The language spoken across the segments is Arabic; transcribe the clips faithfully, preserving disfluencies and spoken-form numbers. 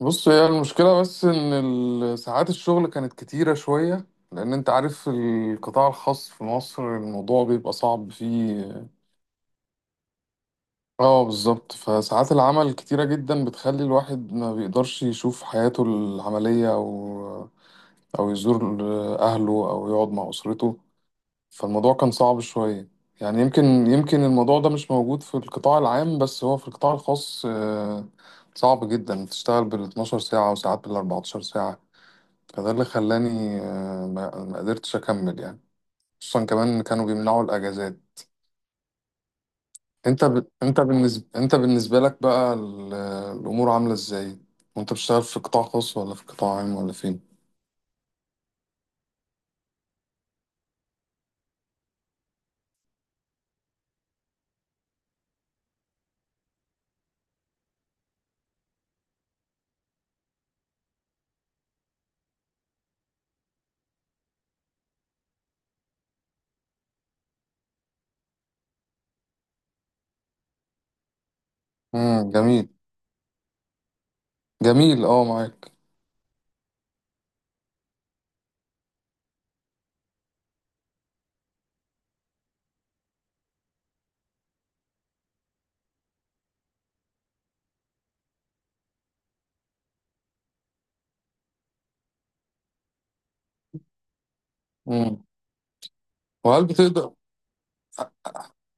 بص، هي المشكلة بس إن ال- ساعات الشغل كانت كتيرة شوية. لأن أنت عارف القطاع الخاص في مصر الموضوع بيبقى صعب فيه. اه بالظبط، فساعات العمل كتيرة جدا، بتخلي الواحد ما بيقدرش يشوف حياته العملية، أو أو يزور أهله أو يقعد مع أسرته. فالموضوع كان صعب شوية. يعني يمكن يمكن الموضوع ده مش موجود في القطاع العام، بس هو في القطاع الخاص آه، صعب جدا تشتغل بال اتناشر ساعة، وساعات بال اربعتاشر ساعة. فده اللي خلاني آه، ما ما قدرتش اكمل يعني. خصوصا كمان كانوا بيمنعوا الاجازات. انت ب... انت بالنسبه انت بالنسبه لك بقى ال... الامور عامله ازاي؟ وانت بتشتغل في قطاع خاص ولا في قطاع عام ولا فين؟ امم، جميل. جميل، اه، معاك. امم. وهل بتقدر،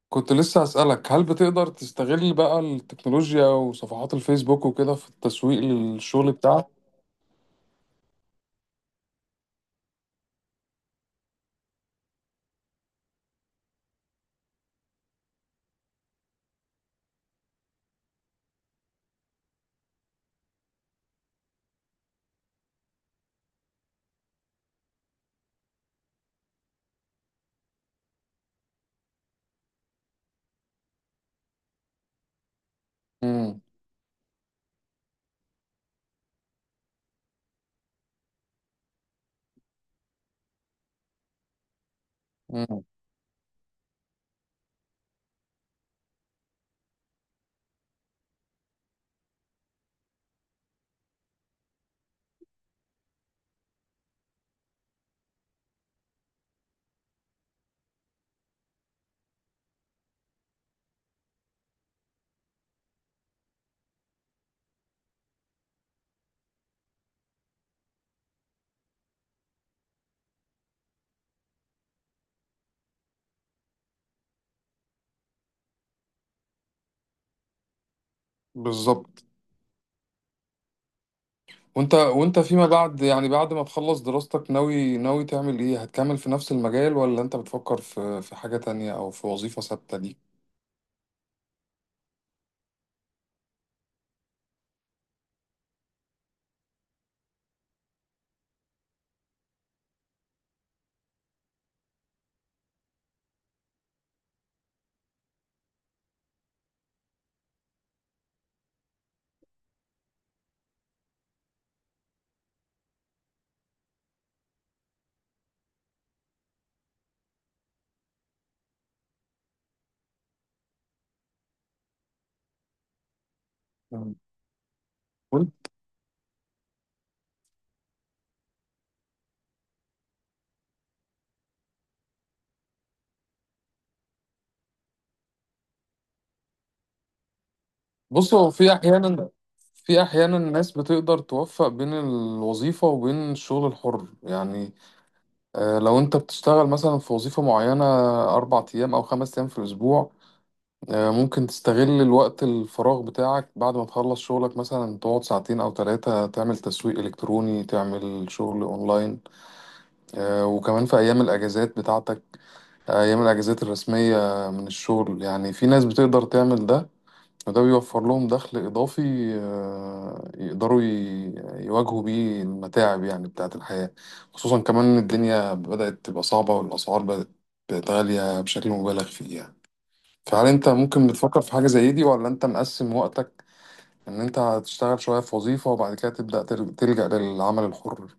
كنت لسه هسألك، هل بتقدر تستغل بقى التكنولوجيا وصفحات الفيسبوك وكده في التسويق للشغل بتاعك؟ امم. امم. بالظبط. وانت وانت فيما بعد، يعني بعد ما تخلص دراستك، ناوي ناوي تعمل ايه؟ هتكمل في نفس المجال، ولا انت بتفكر في في حاجة تانية او في وظيفة ثابتة ليك؟ وانت- بص، هو في احيانا في احيانا الناس بتقدر توفق بين الوظيفة وبين الشغل الحر يعني. آه، لو انت بتشتغل مثلا في وظيفة معينة اربع ايام او خمس ايام في الاسبوع، آه، ممكن تستغل الوقت الفراغ بتاعك بعد ما تخلص شغلك، مثلا تقعد ساعتين او ثلاثة، تعمل تسويق الكتروني، تعمل شغل اونلاين. آه، وكمان في أيام الأجازات بتاعتك، أيام الأجازات الرسمية من الشغل، يعني في ناس بتقدر تعمل ده، وده بيوفر لهم دخل إضافي. آه، يقدروا ي- يواجهوا بيه المتاعب يعني بتاعة الحياة. خصوصا كمان إن الدنيا بدأت تبقى صعبة، والأسعار بدأت بقت غالية بشكل مبالغ فيه يعني. فهل أنت ممكن بتفكر في حاجة زي دي، ولا أنت مقسم وقتك إن أنت هتشتغل شوية في وظيفة وبعد كده تبدأ تل- تلجأ للعمل الحر؟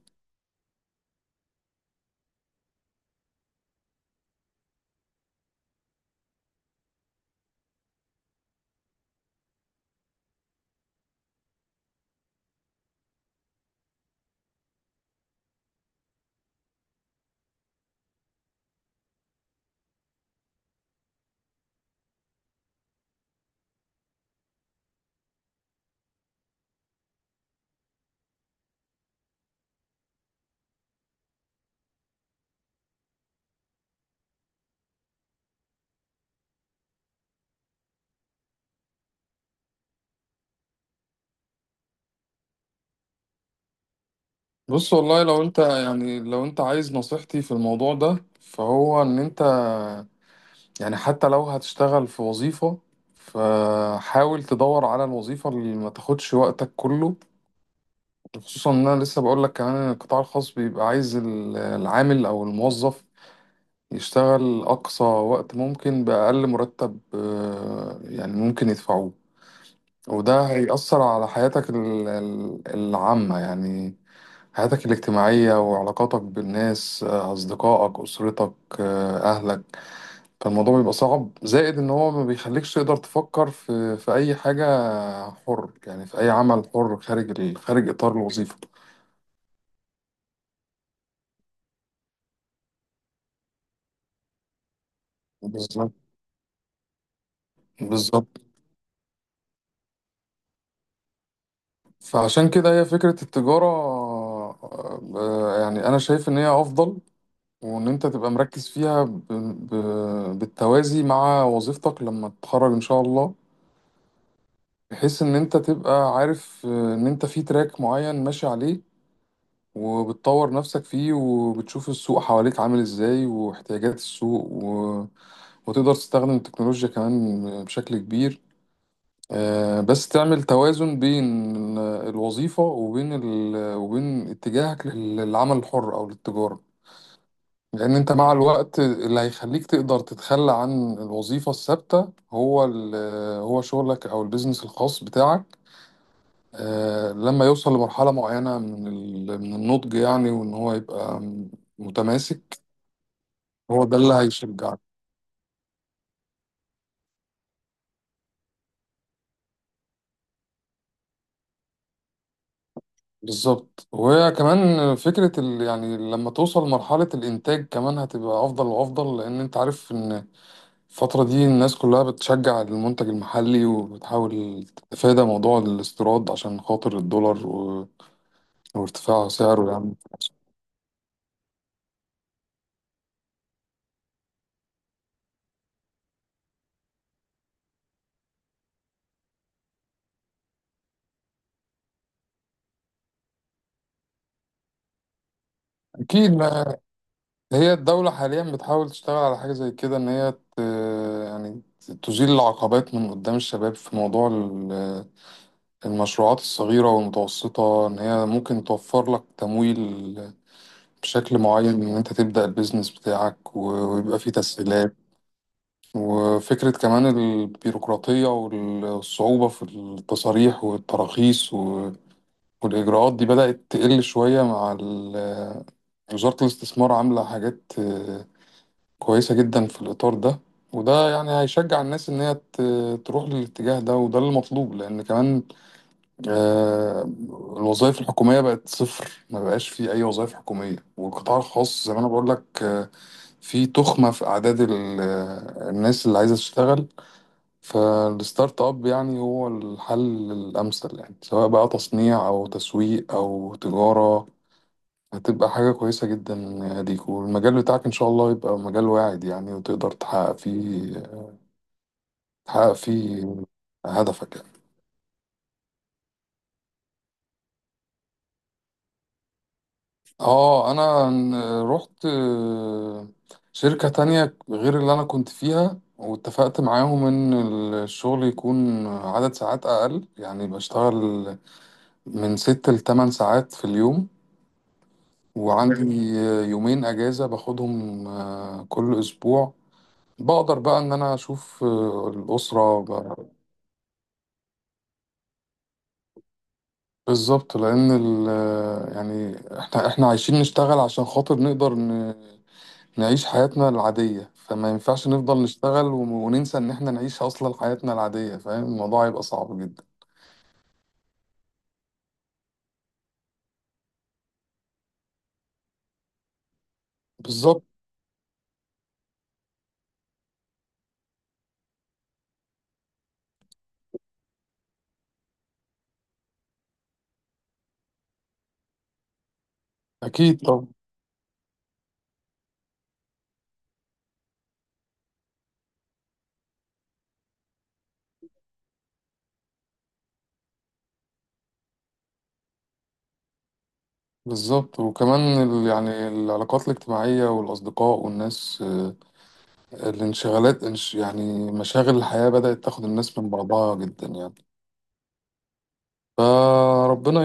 بص والله لو انت يعني لو انت عايز نصيحتي في الموضوع ده، فهو ان انت يعني، حتى لو هتشتغل في وظيفة، فحاول تدور على الوظيفة اللي ما تاخدش وقتك كله. خصوصا ان انا لسه بقول لك كمان ان القطاع الخاص بيبقى عايز ال- العامل او الموظف يشتغل اقصى وقت ممكن باقل مرتب، آه، يعني ممكن يدفعوه. وده هيأثر على حياتك ال- ال- العامة يعني، حياتك الاجتماعية وعلاقاتك بالناس، آه، أصدقائك، أسرتك، آه، أهلك. فالموضوع بيبقى صعب، زائد إن هو ما بيخليكش تقدر تفكر في في أي حاجة حر يعني، في أي عمل حر خارج ال- خارج إطار الوظيفة. بالظبط. بالظبط. فعشان كده هي فكرة التجارة، آه، آه، يعني أنا شايف إن هي أفضل، وإن أنت تبقى مركز فيها ب- ب- بالتوازي مع وظيفتك لما تتخرج إن شاء الله. بحيث ان انت تبقى عارف، آه، ان انت في تراك معين ماشي عليه، وبتطور نفسك فيه، وبتشوف السوق حواليك عامل ازاي، واحتياجات السوق و... وتقدر تستخدم التكنولوجيا كمان بشكل كبير. آه، بس تعمل توازن بين الوظيفة وبين ال... وبين اتجاهك لل- للعمل الحر او للتجارة. لان انت مع الوقت اللي هيخليك تقدر تتخلى عن الوظيفة الثابتة هو ال... هو شغلك او البيزنس الخاص بتاعك، آه، لما يوصل لمرحلة معينة من ال- من النضج يعني، وإن هو يبقى متماسك. هو ده اللي هيشجعك. بالظبط. وهي كمان فكرة ال يعني، لما توصل لمرحلة الإنتاج كمان هتبقى أفضل وأفضل، لأن أنت عارف إن الفترة دي الناس كلها بتشجع المنتج المحلي، وبتحاول تتفادى موضوع الاستيراد عشان خاطر الدولار و- وارتفاع سعره يعني. أكيد. هي الدولة حاليا بتحاول تشتغل على حاجة زي كده، إن هي ت... يعني تزيل العقبات من قدام الشباب في موضوع ال- المشروعات الصغيرة والمتوسطة، إن هي ممكن توفر لك تمويل بشكل معين، إن أنت تبدأ البيزنس بتاعك و- ويبقى فيه تسهيلات. وفكرة كمان البيروقراطية والصعوبة في التصاريح والتراخيص و... والإجراءات دي بدأت تقل شوية مع ال... وزارة الاستثمار عاملة حاجات كويسة جدا في الإطار ده. وده يعني هيشجع الناس إن هي ت- تروح للاتجاه ده، وده اللي مطلوب. لأن كمان، آه، الوظائف الحكومية بقت صفر، ما بقاش في أي وظائف حكومية، والقطاع الخاص زي ما أنا بقول لك، آه، في تخمة في أعداد ال- آه، الناس اللي عايزة تشتغل. فالستارت أب يعني هو الحل الأمثل، يعني سواء بقى تصنيع أو تسويق أو تجارة، هتبقى حاجة كويسة جدا يا ديك. والمجال بتاعك إن شاء الله يبقى مجال واعد يعني، وتقدر تحقق فيه تحقق فيه هدفك يعني. اه، أنا ن- رحت آه، شركة تانية غير اللي أنا كنت فيها، واتفقت معاهم إن الشغل يكون عدد ساعات أقل، يعني بشتغل من ست لتمن ساعات في اليوم. وعندي آه، يومين أجازة باخدهم آه، كل أسبوع. بقدر بقى ان انا اشوف آه، الاسره. بالظبط، لان ال يعني احنا احنا عايشين نشتغل عشان خاطر نقدر ن- نعيش حياتنا العادية، فما ينفعش نفضل نشتغل ون- وننسى ان احنا نعيش اصلا حياتنا العادية. فاهم، الموضوع هيبقى صعب جدا. بالظبط. اكيد طبعا. بالظبط. وكمان ال يعني العلاقات الاجتماعية والاصدقاء والناس، آه، الانشغالات انش يعني مشاغل الحياة بدأت تاخد الناس من بعضها جدا يعني. فربنا